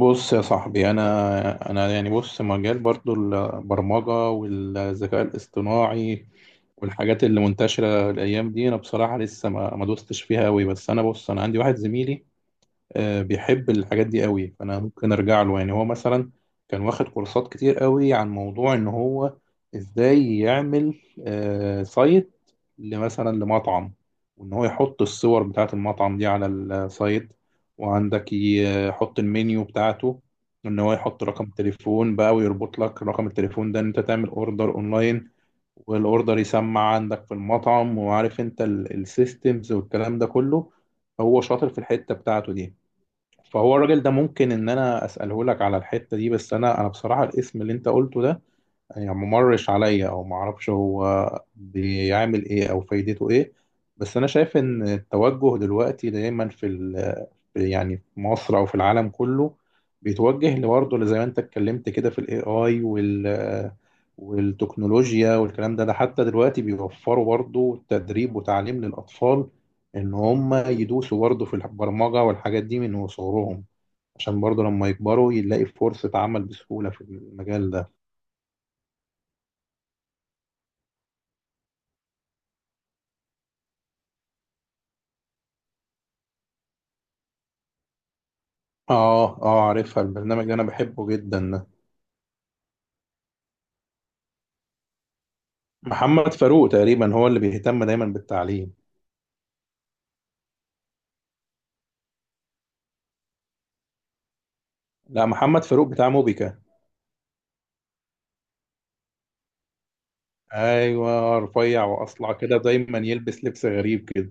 بص يا صاحبي، انا يعني بص، مجال برضو البرمجه والذكاء الاصطناعي والحاجات اللي منتشره الايام دي، انا بصراحه لسه ما دوستش فيها قوي. بس انا بص، انا عندي واحد زميلي، بيحب الحاجات دي قوي، فانا ممكن ارجع له. يعني هو مثلا كان واخد كورسات كتير قوي عن موضوع ان هو ازاي يعمل سايت لمثلا لمطعم، وان هو يحط الصور بتاعه المطعم دي على السايت، وعندك يحط المنيو بتاعته، ان هو يحط رقم تليفون بقى ويربط لك رقم التليفون ده ان انت تعمل اوردر اونلاين، والاوردر يسمع عندك في المطعم، وعارف انت السيستمز والكلام ده كله. هو شاطر في الحتة بتاعته دي، فهو الراجل ده ممكن ان انا اساله لك على الحته دي. بس انا بصراحه الاسم اللي انت قلته ده يعني ممرش عليا، او ما اعرفش هو بيعمل ايه او فايدته ايه. بس انا شايف ان التوجه دلوقتي دايما في يعني في مصر او في العالم كله، بيتوجه لبرضه زي ما انت اتكلمت كده في الاي اي والتكنولوجيا والكلام ده. ده حتى دلوقتي بيوفروا برضه تدريب وتعليم للاطفال ان هم يدوسوا برضه في البرمجه والحاجات دي من وصغرهم، عشان برضه لما يكبروا يلاقي فرصة عمل بسهولة في المجال ده. اه اه، عارفها البرنامج اللي انا بحبه جدا ده. محمد فاروق تقريبا هو اللي بيهتم دايما بالتعليم. لا، محمد فاروق بتاع موبيكا. ايوه، رفيع واصلع كده، دايما يلبس لبس غريب كده.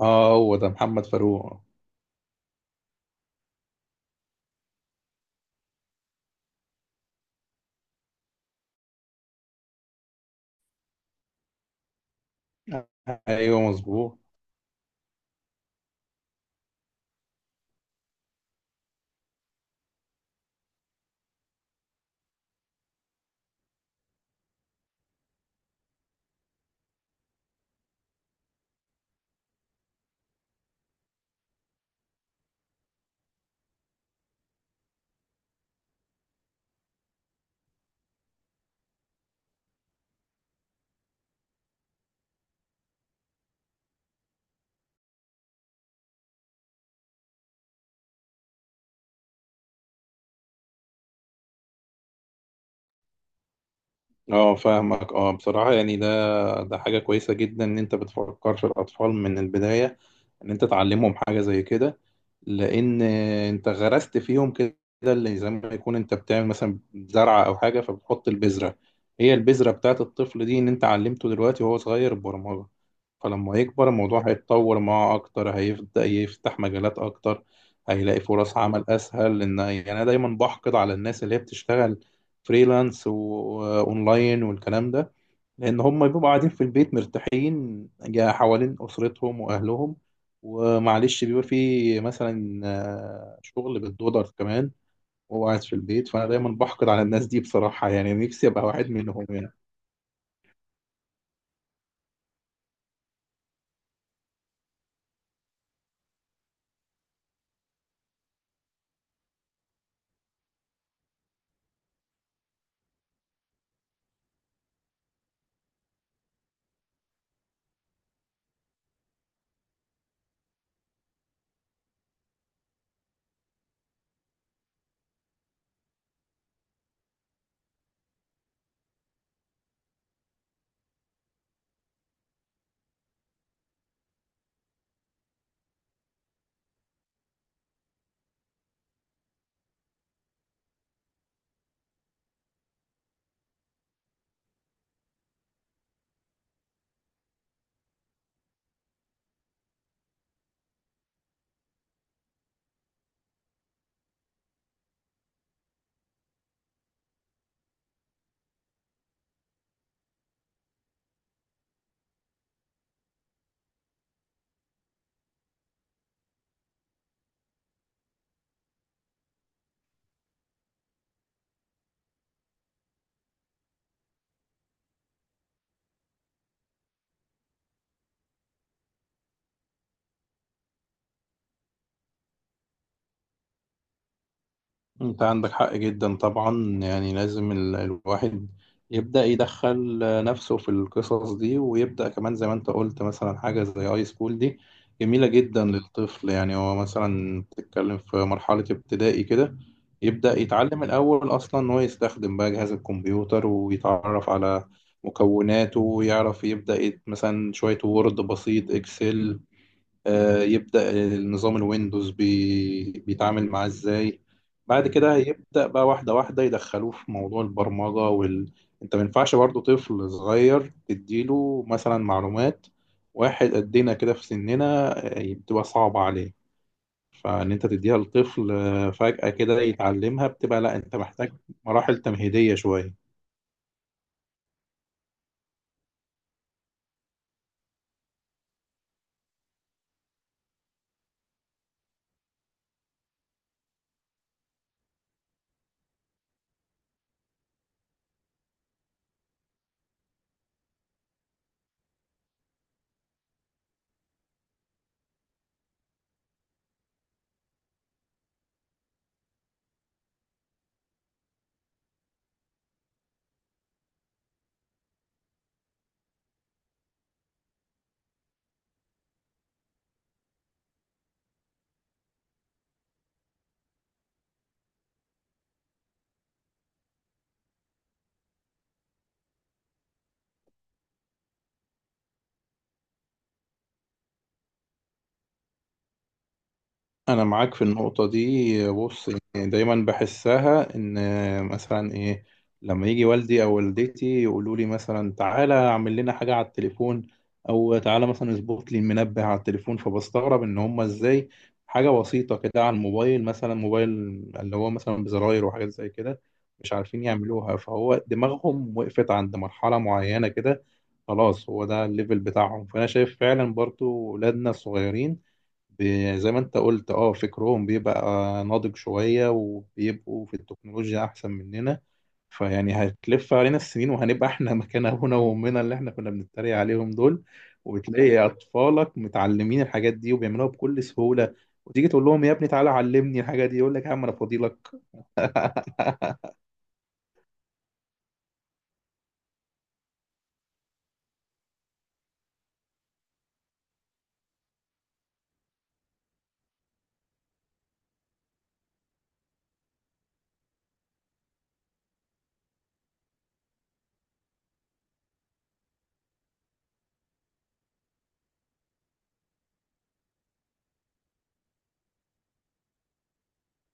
اه هو ده محمد فاروق. ايوه مظبوط. اه فاهمك، اه بصراحة يعني ده حاجة كويسة جدا ان انت بتفكر في الاطفال من البداية، ان انت تعلمهم حاجه زي كده. لان انت غرست فيهم كده اللي زي ما يكون انت بتعمل مثلا زرعه او حاجه، فبتحط البذره. هي البذره بتاعت الطفل دي ان انت علمته دلوقتي وهو صغير البرمجه، فلما يكبر الموضوع هيتطور معاه اكتر، هيبدا يفتح مجالات اكتر، هيلاقي فرص عمل اسهل. لان يعني انا دايما بحقد على الناس اللي هي بتشتغل فريلانس واونلاين والكلام ده، لان هم بيبقوا قاعدين في البيت مرتاحين، حوالين اسرتهم واهلهم، ومعلش بيبقى في مثلا شغل بالدولار كمان، وهو قاعد في البيت. فانا دايما بحقد على الناس دي بصراحه، يعني نفسي ابقى واحد منهم يعني. انت عندك حق جدا طبعا، يعني لازم الواحد يبدأ يدخل نفسه في القصص دي، ويبدأ كمان زي ما انت قلت مثلا حاجة زي اي سكول دي، جميلة جدا للطفل. يعني هو مثلا بتتكلم في مرحلة ابتدائي كده، يبدأ يتعلم الأول أصلا إن هو يستخدم بقى جهاز الكمبيوتر ويتعرف على مكوناته، ويعرف يبدأ مثلا شوية وورد بسيط، إكسل، يبدأ النظام الويندوز بيتعامل معاه ازاي. بعد كده هيبدأ بقى واحدة واحدة يدخلوه في موضوع البرمجة انت ما ينفعش برضه طفل صغير تديله مثلا معلومات واحد قدنا كده في سننا، بتبقى صعبة عليه. فإن أنت تديها لطفل فجأة كده يتعلمها بتبقى لأ، أنت محتاج مراحل تمهيدية شوية. انا معاك في النقطه دي، بص، يعني دايما بحسها ان مثلا ايه، لما يجي والدي او والدتي يقولوا لي مثلا تعالى اعمل لنا حاجه على التليفون، او تعالى مثلا اظبط لي المنبه على التليفون، فبستغرب ان هم ازاي حاجه بسيطه كده على الموبايل، مثلا موبايل اللي هو مثلا بزراير وحاجات زي كده مش عارفين يعملوها. فهو دماغهم وقفت عند مرحله معينه كده، خلاص هو ده الليفل بتاعهم. فانا شايف فعلا برضو ولادنا الصغيرين، زي ما انت قلت اه، فكرهم بيبقى ناضج شوية، وبيبقوا في التكنولوجيا احسن مننا. فيعني هتلف علينا السنين وهنبقى احنا مكان ابونا وامنا اللي احنا كنا بنتريق عليهم دول، وتلاقي اطفالك متعلمين الحاجات دي وبيعملوها بكل سهولة، وتيجي تقول لهم يا ابني تعالى علمني الحاجة دي، يقول لك يا عم انا فاضيلك.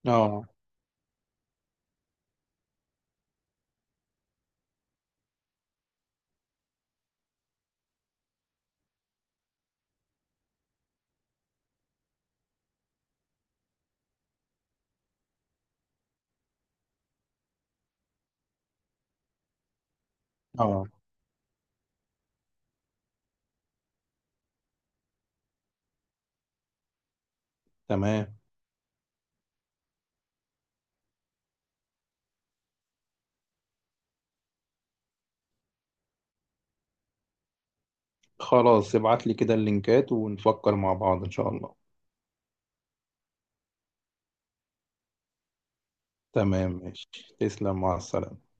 اه اه تمام. خلاص ابعت لي كده اللينكات ونفكر مع بعض ان شاء الله. تمام ماشي، تسلم، مع السلامة.